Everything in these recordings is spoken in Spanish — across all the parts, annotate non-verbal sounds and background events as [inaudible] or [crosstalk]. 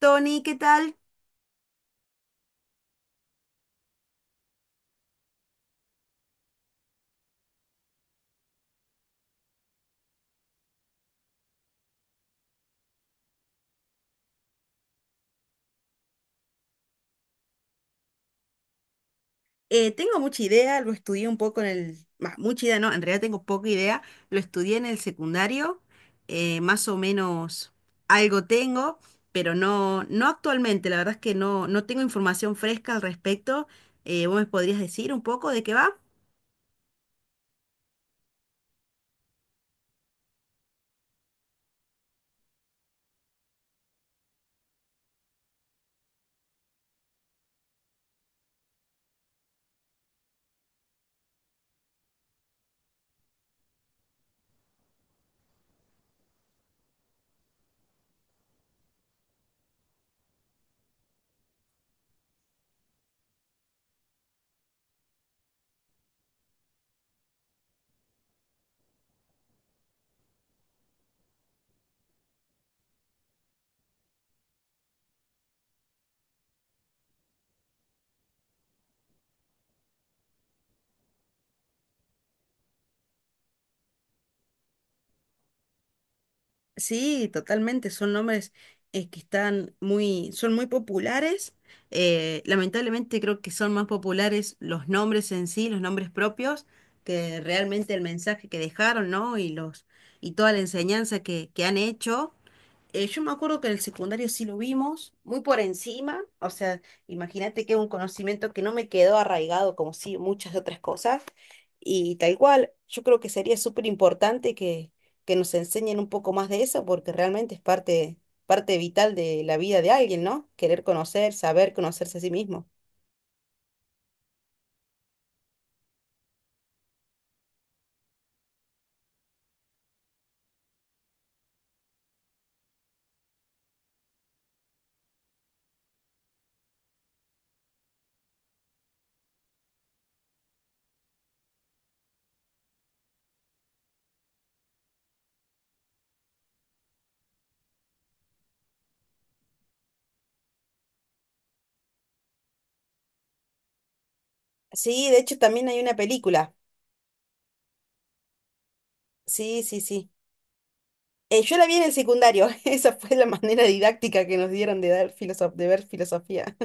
Tony, ¿qué tal? Tengo mucha idea, lo estudié un poco bah, mucha idea, no, en realidad tengo poca idea. Lo estudié en el secundario, más o menos algo tengo, pero no actualmente. La verdad es que no tengo información fresca al respecto. ¿vos me podrías decir un poco de qué va? Sí, totalmente. Son nombres que están son muy populares. Lamentablemente creo que son más populares los nombres en sí, los nombres propios, que realmente el mensaje que dejaron, ¿no? Y toda la enseñanza que han hecho. Yo me acuerdo que en el secundario sí lo vimos, muy por encima, o sea, imagínate que es un conocimiento que no me quedó arraigado como sí muchas otras cosas, y tal cual, yo creo que sería súper importante que nos enseñen un poco más de eso, porque realmente es parte, parte vital de la vida de alguien, ¿no? Querer conocer, saber conocerse a sí mismo. Sí, de hecho también hay una película, sí, sí, sí. Yo la vi en el secundario, [laughs] esa fue la manera didáctica que nos dieron de ver filosofía.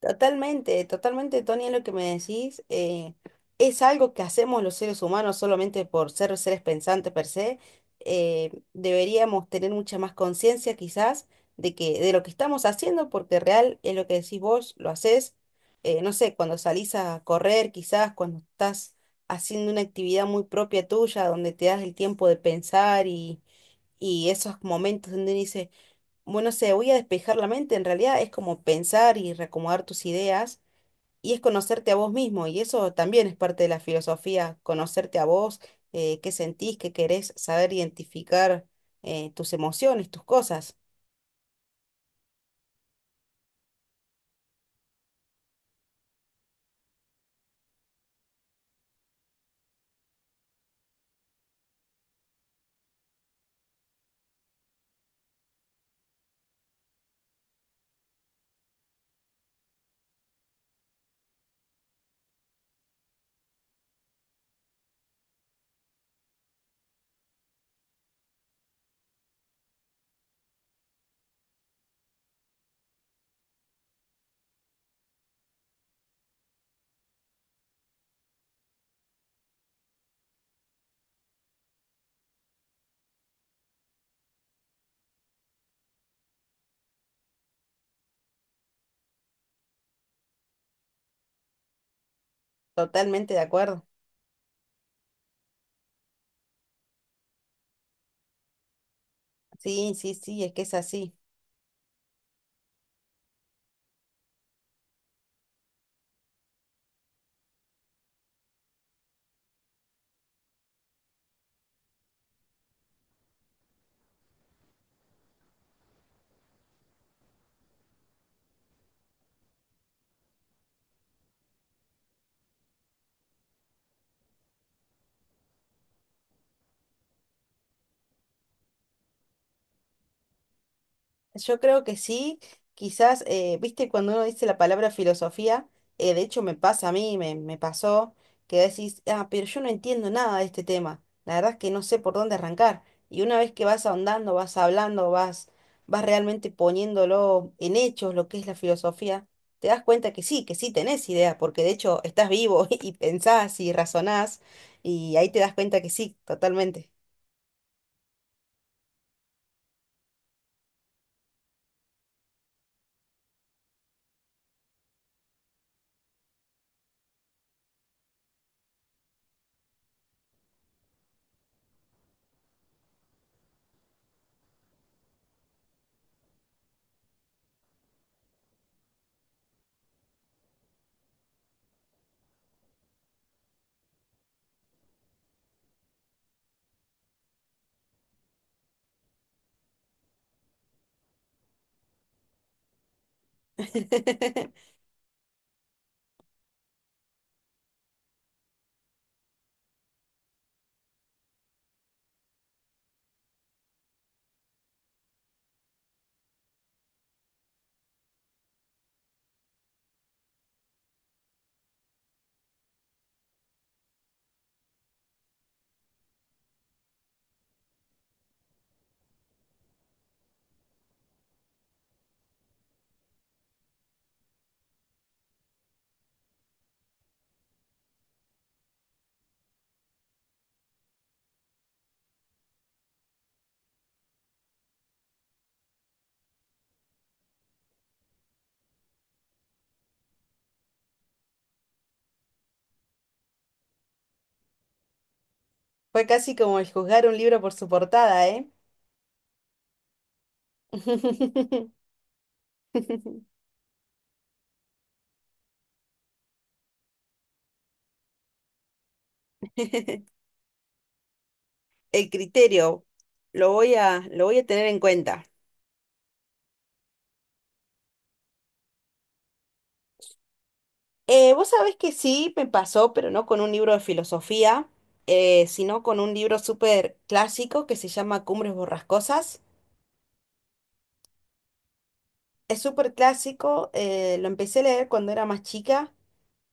Totalmente, totalmente, Tony, lo que me decís es algo que hacemos los seres humanos solamente por ser seres pensantes per se. Deberíamos tener mucha más conciencia quizás de lo que estamos haciendo, porque real es lo que decís vos, lo haces, no sé, cuando salís a correr, quizás cuando estás haciendo una actividad muy propia tuya, donde te das el tiempo de pensar y esos momentos donde dices bueno, sé, voy a despejar la mente, en realidad es como pensar y reacomodar tus ideas y es conocerte a vos mismo y eso también es parte de la filosofía, conocerte a vos, qué sentís, qué querés, saber identificar tus emociones, tus cosas. Totalmente de acuerdo. Sí, sí, sí, es que es así. Yo creo que sí, quizás, viste, cuando uno dice la palabra filosofía, de hecho me pasa a mí, me pasó, que decís, ah, pero yo no entiendo nada de este tema, la verdad es que no sé por dónde arrancar. Y una vez que vas ahondando, vas hablando, vas realmente poniéndolo en hechos, lo que es la filosofía, te das cuenta que sí tenés idea, porque de hecho estás vivo [laughs] y pensás y razonás, y ahí te das cuenta que sí, totalmente. [laughs] Fue casi como el juzgar un libro por su portada, ¿eh? [laughs] El criterio, lo voy a tener en cuenta. Vos sabés que sí me pasó, pero no con un libro de filosofía, sino con un libro súper clásico que se llama Cumbres Borrascosas. Es súper clásico, lo empecé a leer cuando era más chica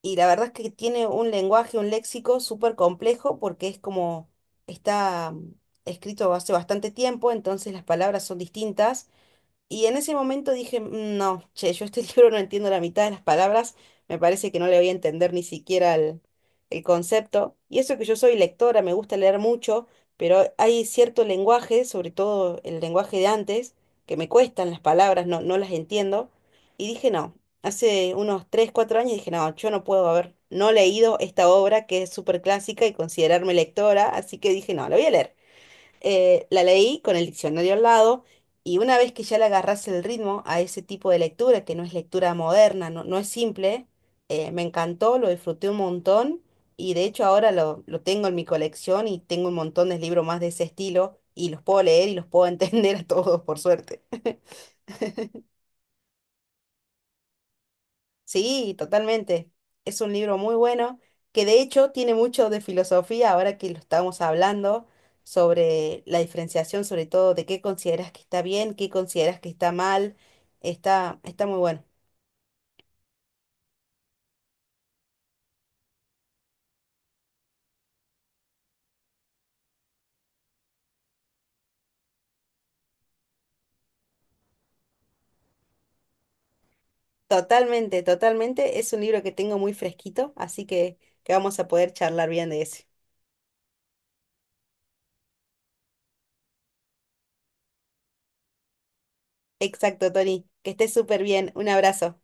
y la verdad es que tiene un lenguaje, un léxico súper complejo porque es como está escrito hace bastante tiempo, entonces las palabras son distintas. Y en ese momento dije, No, che, yo este [laughs] libro no entiendo la mitad de las palabras, me parece que no le voy a entender ni siquiera el concepto. Y eso que yo soy lectora, me gusta leer mucho, pero hay cierto lenguaje, sobre todo el lenguaje de antes, que me cuestan las palabras, no las entiendo. Y dije, no, hace unos 3 4 años dije, no, yo no puedo haber no leído esta obra que es súper clásica y considerarme lectora, así que dije, no, la voy a leer la leí con el diccionario al lado y una vez que ya le agarrás el ritmo a ese tipo de lectura, que no es lectura moderna, no, no es simple, me encantó, lo disfruté un montón y de hecho ahora lo tengo en mi colección y tengo un montón de libros más de ese estilo y los puedo leer y los puedo [laughs] entender a todos, por suerte. Sí, totalmente. Es un libro muy bueno que de hecho tiene mucho de filosofía ahora que lo estamos hablando sobre la diferenciación, sobre todo de qué consideras que está bien, qué consideras que está mal. Está, está muy bueno. Totalmente, totalmente. Es un libro que tengo muy fresquito, así que vamos a poder charlar bien de ese. Exacto, Tony. Que estés súper bien. Un abrazo.